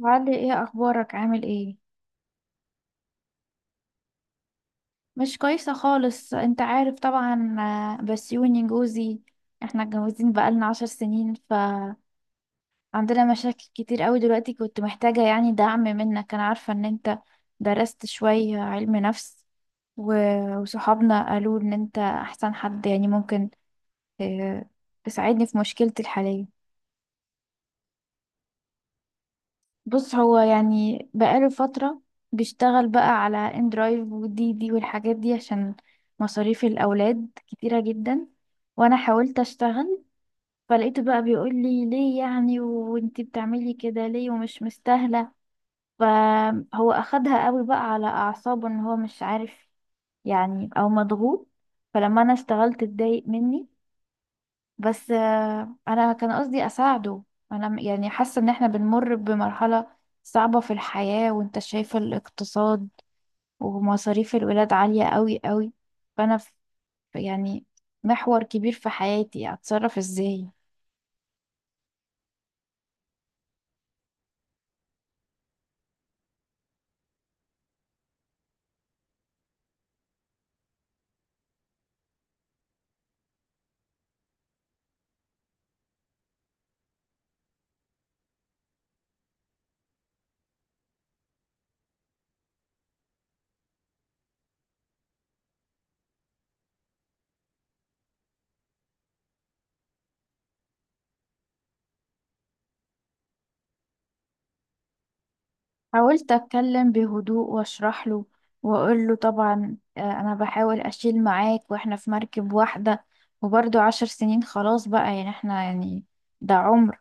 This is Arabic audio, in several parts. وعلي، ايه اخبارك؟ عامل ايه؟ مش كويسه خالص، انت عارف طبعا. بسيوني جوزي. احنا اتجوزين بقالنا 10 سنين، فعندنا مشاكل كتير قوي دلوقتي. كنت محتاجه يعني دعم منك. انا عارفه ان انت درست شويه علم نفس، وصحابنا قالوا ان انت احسن حد يعني ممكن آه، تساعدني في مشكلتي الحاليه. بص، هو يعني بقاله فترة بيشتغل بقى على اندرايف ودي دي والحاجات دي، عشان مصاريف الأولاد كتيرة جدا. وأنا حاولت أشتغل، فلقيته بقى بيقول لي ليه يعني، وانتي بتعملي كده ليه، ومش مستاهلة. فهو أخدها قوي بقى على أعصابه، إن هو مش عارف يعني، أو مضغوط. فلما أنا اشتغلت اتضايق مني. بس انا كان قصدي اساعده. انا يعني حاسه ان احنا بنمر بمرحله صعبه في الحياه، وانت شايفه الاقتصاد ومصاريف الولاد عاليه قوي قوي. فانا في يعني محور كبير في حياتي، اتصرف ازاي؟ حاولت اتكلم بهدوء واشرح له، واقول له طبعا انا بحاول اشيل معاك، واحنا في مركب واحده، وبرضه 10 سنين خلاص بقى، يعني احنا يعني ده عمر.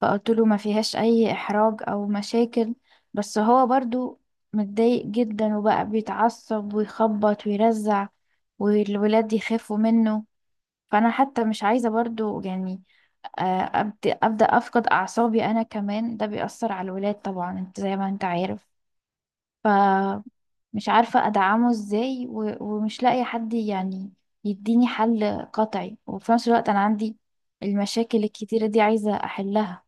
فقلت له ما فيهاش اي احراج او مشاكل. بس هو برضو متضايق جدا، وبقى بيتعصب ويخبط ويرزع، والولاد يخافوا منه. فانا حتى مش عايزة برضو يعني ابدا افقد اعصابي انا كمان، ده بيأثر على الولاد طبعا، انت زي ما انت عارف. ف مش عارفة أدعمه إزاي، ومش لاقية حد يعني يديني حل قطعي. وفي نفس الوقت أنا عندي المشاكل الكتيرة دي عايزة أحلها.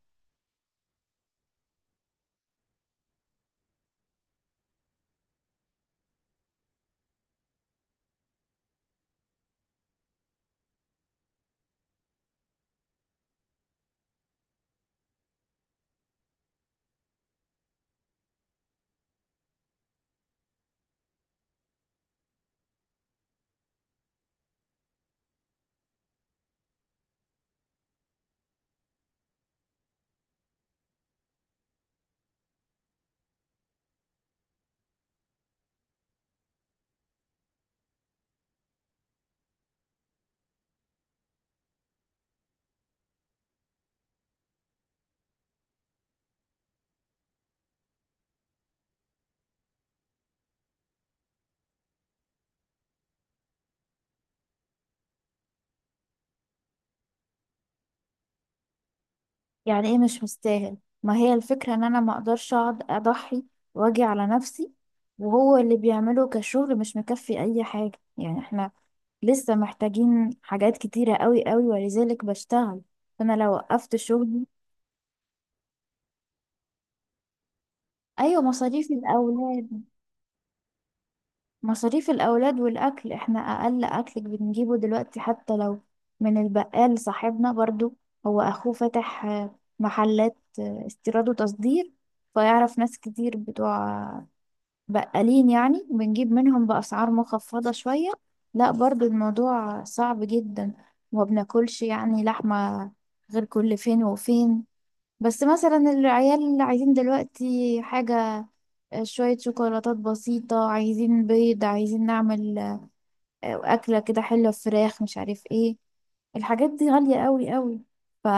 يعني ايه مش مستاهل؟ ما هي الفكرة ان انا ما اقدرش اقعد اضحي واجي على نفسي، وهو اللي بيعمله كشغل مش مكفي اي حاجة. يعني احنا لسه محتاجين حاجات كتيرة قوي قوي، ولذلك بشتغل. فانا لو وقفت شغلي. ايوه، مصاريف الاولاد. مصاريف الاولاد والاكل. احنا اقل اكل بنجيبه دلوقتي، حتى لو من البقال صاحبنا برضو. هو اخوه فاتح محلات استيراد وتصدير، فيعرف ناس كتير بتوع بقالين، يعني بنجيب منهم بأسعار مخفضة شوية. لا، برضو الموضوع صعب جدا. وما بناكلش يعني لحمة غير كل فين وفين. بس مثلا العيال اللي عايزين دلوقتي حاجة، شوية شوكولاتات بسيطة، عايزين بيض، عايزين نعمل أكلة كده حلوة، فراخ، مش عارف ايه. الحاجات دي غالية قوي قوي. ف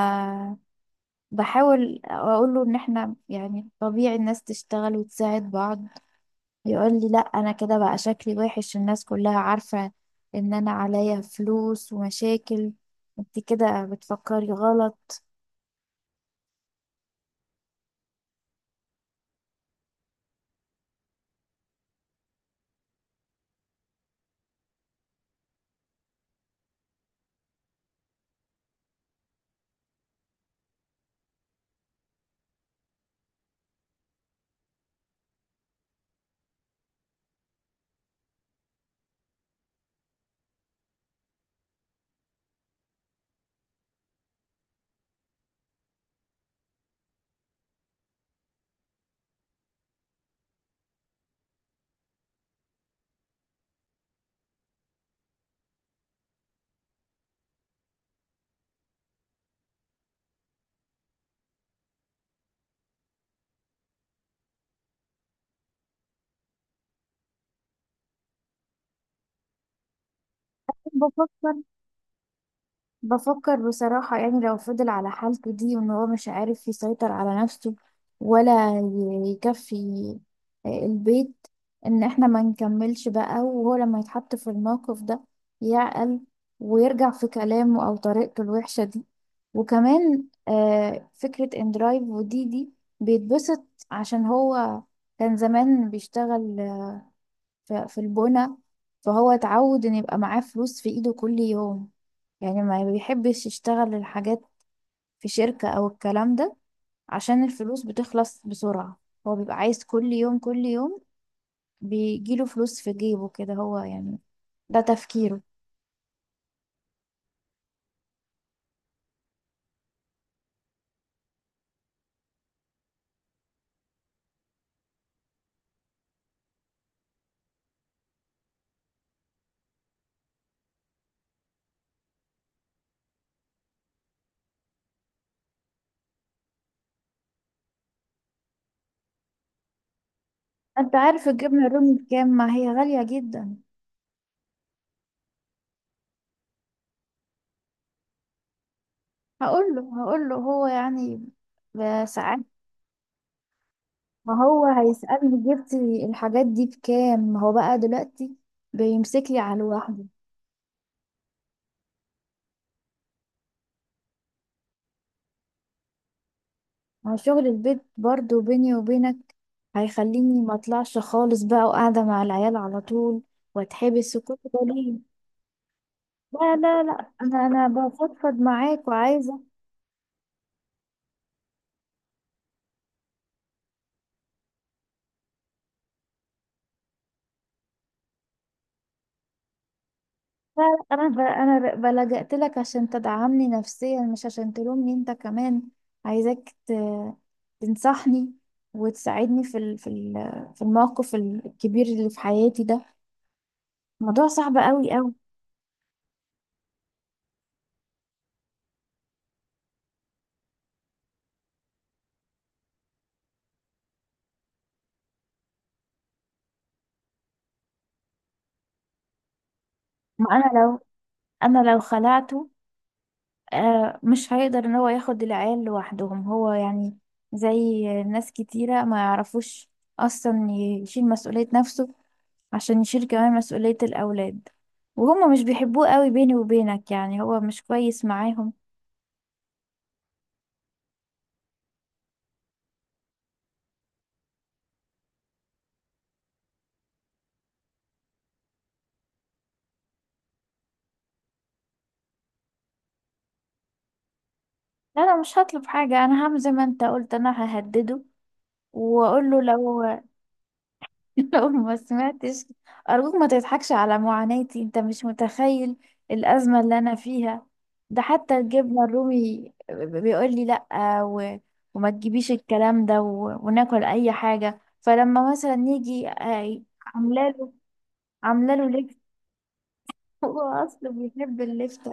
بحاول اقول له ان احنا يعني طبيعي الناس تشتغل وتساعد بعض. يقول لي لا، انا كده بقى شكلي وحش، الناس كلها عارفة ان انا عليا فلوس ومشاكل. انت كده بتفكري غلط. بفكر بفكر بصراحة يعني، لو فضل على حالته دي، وان هو مش عارف يسيطر على نفسه ولا يكفي البيت، ان احنا ما نكملش بقى. وهو لما يتحط في الموقف ده يعقل ويرجع في كلامه او طريقته الوحشة دي. وكمان فكرة ان درايف ودي دي بيتبسط، عشان هو كان زمان بيشتغل في البنا، فهو اتعود ان يبقى معاه فلوس في ايده كل يوم. يعني ما بيحبش يشتغل الحاجات في شركة أو الكلام ده، عشان الفلوس بتخلص بسرعة. هو بيبقى عايز كل يوم كل يوم بيجيله فلوس في جيبه كده، هو يعني ده تفكيره. انت عارف الجبنة الرومي بكام؟ ما هي غالية جدا. هقوله هقوله هو يعني ساعات. ما هو هيسألني جبتي الحاجات دي بكام، ما هو بقى دلوقتي بيمسك لي على الواحد. مع شغل البيت برضو، بيني وبينك، هيخليني ما اطلعش خالص بقى، وقاعدة مع العيال على طول واتحبس، وكل ده ليه؟ لا لا لا، انا بفضفض معاك وعايزة. لا لا، انا بلجأت لك عشان تدعمني نفسيا، مش عشان تلومني انت كمان. عايزاك تنصحني وتساعدني في الموقف الكبير اللي في حياتي ده. موضوع صعب قوي قوي. ما انا لو خلعته، آه، مش هيقدر ان هو ياخد العيال لوحدهم. هو يعني زي ناس كتيرة ما يعرفوش اصلا يشيل مسؤولية نفسه عشان يشيل كمان مسؤولية الاولاد. وهما مش بيحبوه قوي بيني وبينك، يعني هو مش كويس معاهم. لا، انا مش هطلب حاجة. انا هعمل زي ما انت قلت، انا ههدده، واقول له لو لو ما سمعتش. أرجوك ما تضحكش على معاناتي، أنت مش متخيل الأزمة اللي أنا فيها. ده حتى الجبنة الرومي بيقول لي لأ، و... وما تجيبيش الكلام ده، وناكل أي حاجة. فلما مثلا نيجي، عاملاله عاملاله لفت هو أصله بيحب اللفت.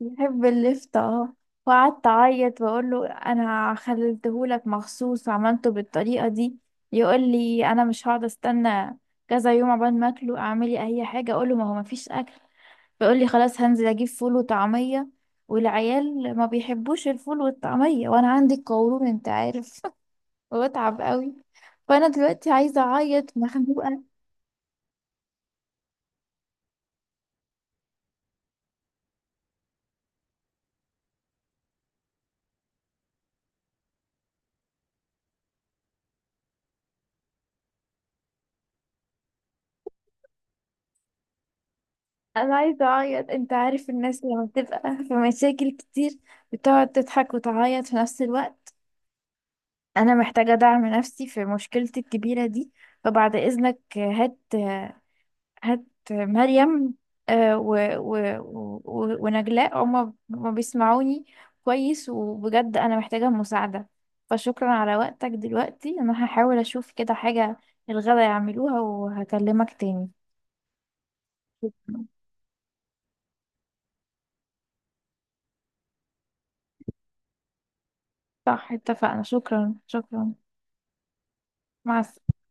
يحب اللفت، اه. وقعدت اعيط واقول له انا خليتهولك مخصوص وعملته بالطريقه دي. يقول لي انا مش هقعد استنى كذا يوم عقبال ما اكله. اعملي اي حاجه، اقول له ما هو ما فيش اكل. بيقول لي خلاص هنزل اجيب فول وطعميه، والعيال ما بيحبوش الفول والطعميه، وانا عندي القولون انت عارف وبتعب قوي. فانا دلوقتي عايزه اعيط مخنوقه. انا عايزه اعيط. انت عارف الناس لما بتبقى في مشاكل كتير بتقعد تضحك وتعيط في نفس الوقت. انا محتاجة دعم نفسي في مشكلتي الكبيرة دي. فبعد اذنك، هات هات مريم ونجلاء، هما هما بيسمعوني كويس. وبجد انا محتاجة مساعدة. فشكرا على وقتك. دلوقتي انا هحاول اشوف كده حاجة الغدا يعملوها، وهكلمك تاني. شكراً. صح، اتفقنا. شكرا شكرا. مع السلامة.